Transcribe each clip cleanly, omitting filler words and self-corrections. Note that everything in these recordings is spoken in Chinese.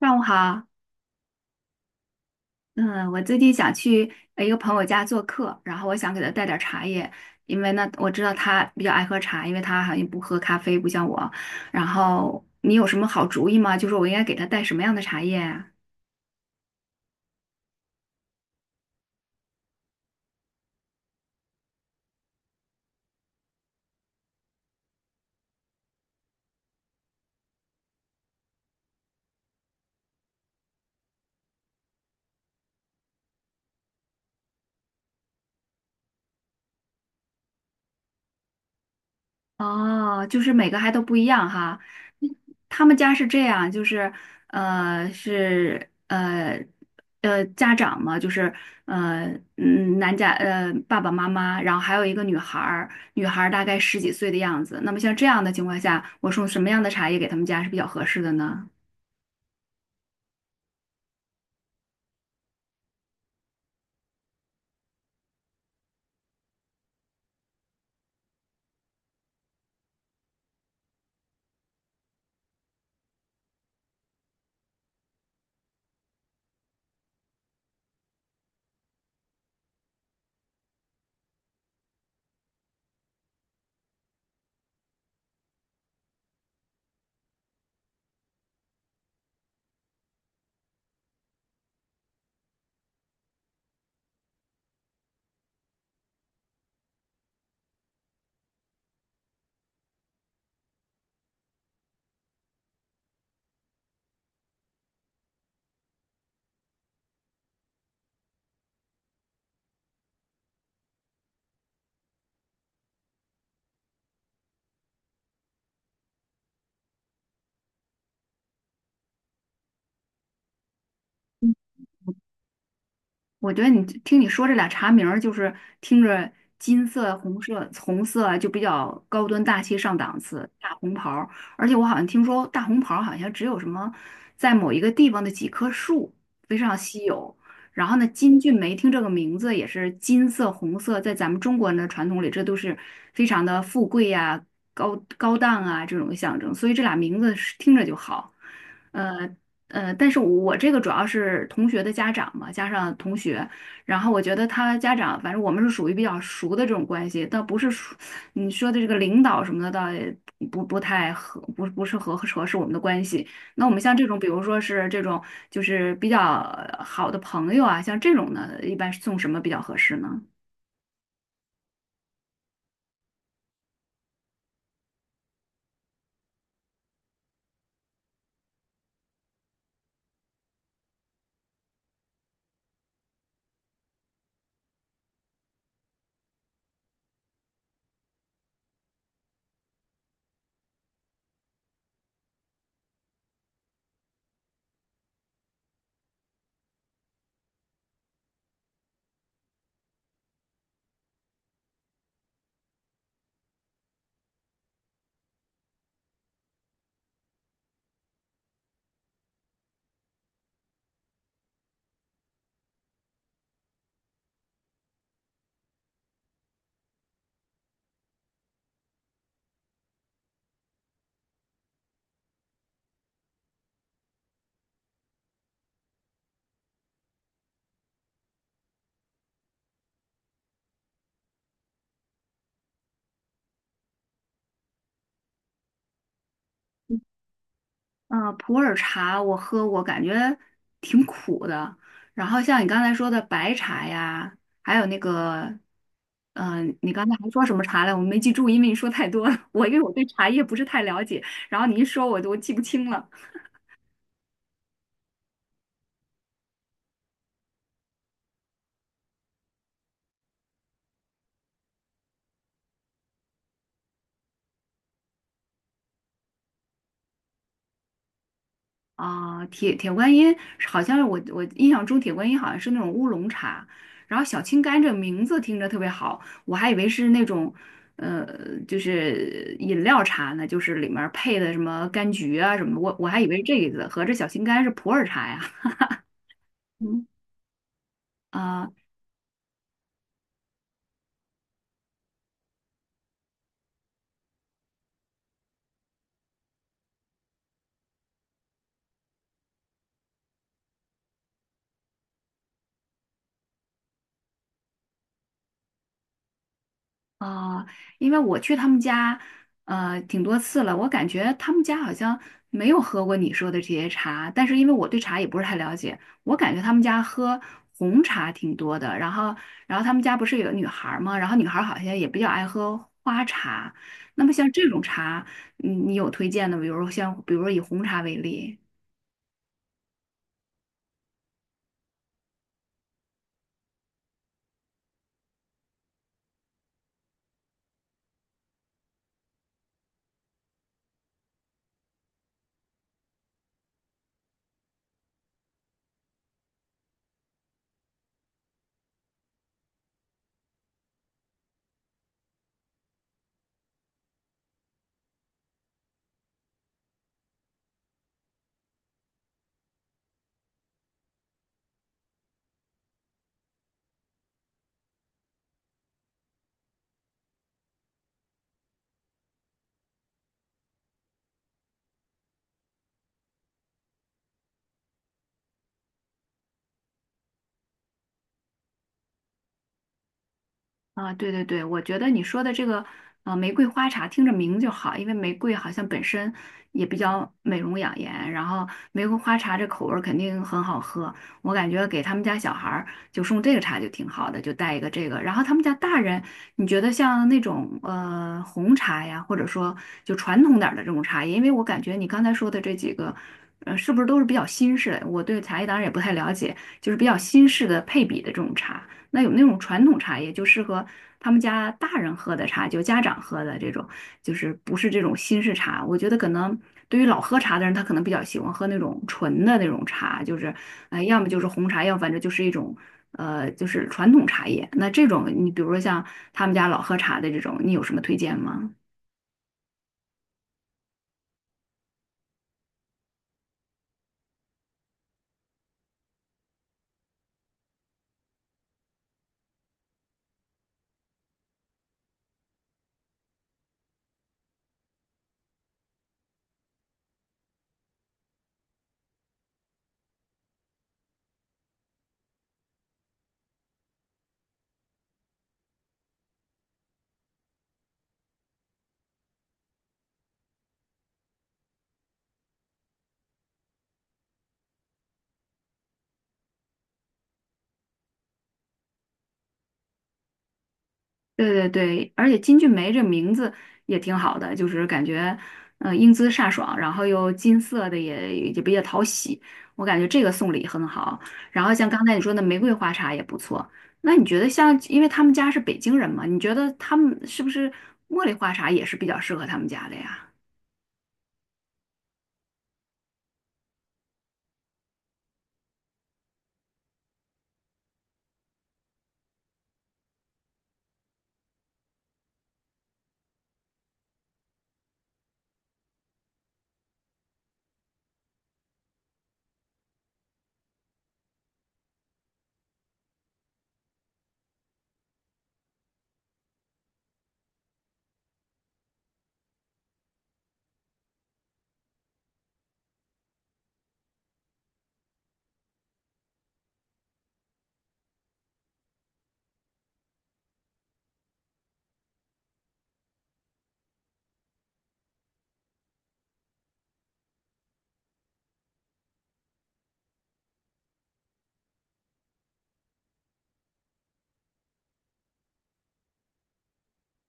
上午好，嗯，我最近想去一个朋友家做客，然后我想给他带点儿茶叶，因为呢，我知道他比较爱喝茶，因为他好像不喝咖啡，不像我。然后你有什么好主意吗？就是我应该给他带什么样的茶叶啊？哦，就是每个还都不一样哈。他们家是这样，就是呃是呃家长嘛，就是呃男家爸爸妈妈，然后还有一个女孩儿，女孩儿大概十几岁的样子。那么像这样的情况下，我送什么样的茶叶给他们家是比较合适的呢？我觉得你听你说这俩茶名儿，就是听着金色、红色、红色啊就比较高端大气上档次，大红袍儿。而且我好像听说大红袍儿好像只有什么在某一个地方的几棵树非常稀有。然后呢，金骏眉听这个名字也是金色、红色，在咱们中国人的传统里，这都是非常的富贵呀、高高档啊这种象征。所以这俩名字是听着就好。呃，但是我这个主要是同学的家长嘛，加上同学，然后我觉得他家长，反正我们是属于比较熟的这种关系，倒不是熟你说的这个领导什么的，倒也不太合，不是合适我们的关系。那我们像这种，比如说是这种就是比较好的朋友啊，像这种呢，一般是送什么比较合适呢？嗯，普洱茶我喝过，感觉挺苦的。然后像你刚才说的白茶呀，还有那个，嗯、你刚才还说什么茶来？我没记住，因为你说太多了。我因为我对茶叶不是太了解，然后你一说我都记不清了。啊，铁观音好像是我印象中铁观音好像是那种乌龙茶，然后小青柑这名字听着特别好，我还以为是那种，呃，就是饮料茶呢，就是里面儿配的什么柑橘啊什么的，我还以为是这个意思合着小青柑是普洱茶呀。嗯，啊、啊，因为我去他们家，呃，挺多次了，我感觉他们家好像没有喝过你说的这些茶，但是因为我对茶也不是太了解，我感觉他们家喝红茶挺多的，然后他们家不是有女孩儿吗？然后女孩儿好像也比较爱喝花茶，那么像这种茶，你有推荐的，比如说以红茶为例。啊，对对对，我觉得你说的这个玫瑰花茶听着名就好，因为玫瑰好像本身也比较美容养颜，然后玫瑰花茶这口味儿肯定很好喝，我感觉给他们家小孩儿就送这个茶就挺好的，就带一个这个。然后他们家大人，你觉得像那种红茶呀，或者说就传统点儿的这种茶叶，因为我感觉你刚才说的这几个。呃，是不是都是比较新式的？我对茶叶当然也不太了解，就是比较新式的配比的这种茶。那有那种传统茶叶，就适合他们家大人喝的茶，就家长喝的这种，就是不是这种新式茶。我觉得可能对于老喝茶的人，他可能比较喜欢喝那种纯的那种茶，就是要么就是红茶，要么反正就是一种就是传统茶叶。那这种你比如说像他们家老喝茶的这种，你有什么推荐吗？对对对，而且金俊梅这名字也挺好的，就是感觉，呃，英姿飒爽，然后又金色的也比较讨喜，我感觉这个送礼很好。然后像刚才你说的玫瑰花茶也不错，那你觉得像，因为他们家是北京人嘛，你觉得他们是不是茉莉花茶也是比较适合他们家的呀？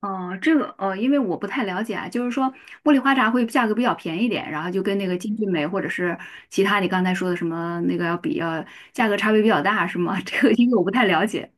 哦，这个呃，因为我不太了解啊，就是说茉莉花茶会价格比较便宜一点，然后就跟那个金骏眉或者是其他你刚才说的什么那个要价格差别比较大，是吗？这个因为我不太了解。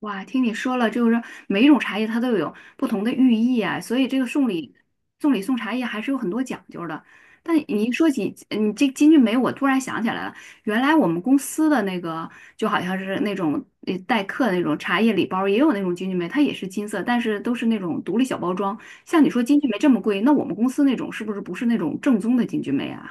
哇，听你说了，就是每一种茶叶它都有不同的寓意啊，所以这个送礼送茶叶还是有很多讲究的。但你一说起你这金骏眉，我突然想起来了，原来我们公司的那个就好像是那种待客的那种茶叶礼包，也有那种金骏眉，它也是金色，但是都是那种独立小包装。像你说金骏眉这么贵，那我们公司那种不是那种正宗的金骏眉啊？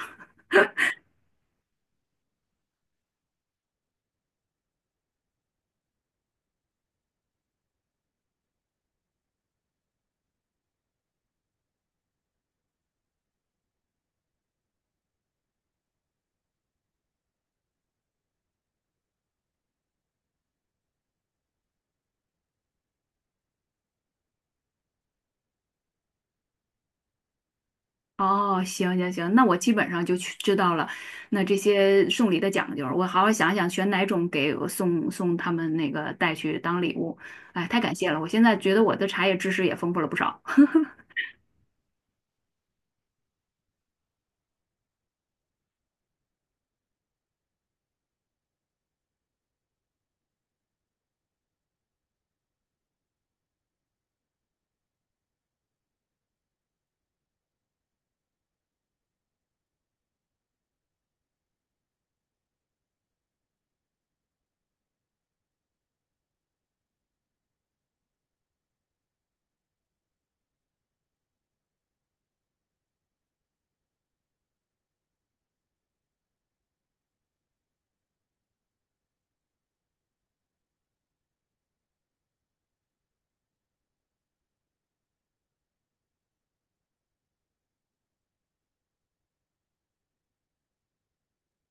哦，行行行，那我基本上就去知道了。那这些送礼的讲究，我好好想想选哪种给我送他们那个带去当礼物。哎，太感谢了，我现在觉得我的茶叶知识也丰富了不少。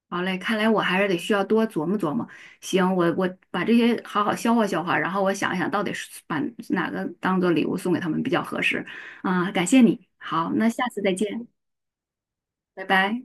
好嘞，看来我还是得需要多琢磨琢磨。行，我把这些好好消化消化，然后我想一想到底是把哪个当做礼物送给他们比较合适。啊，感谢你。好，那下次再见，拜拜。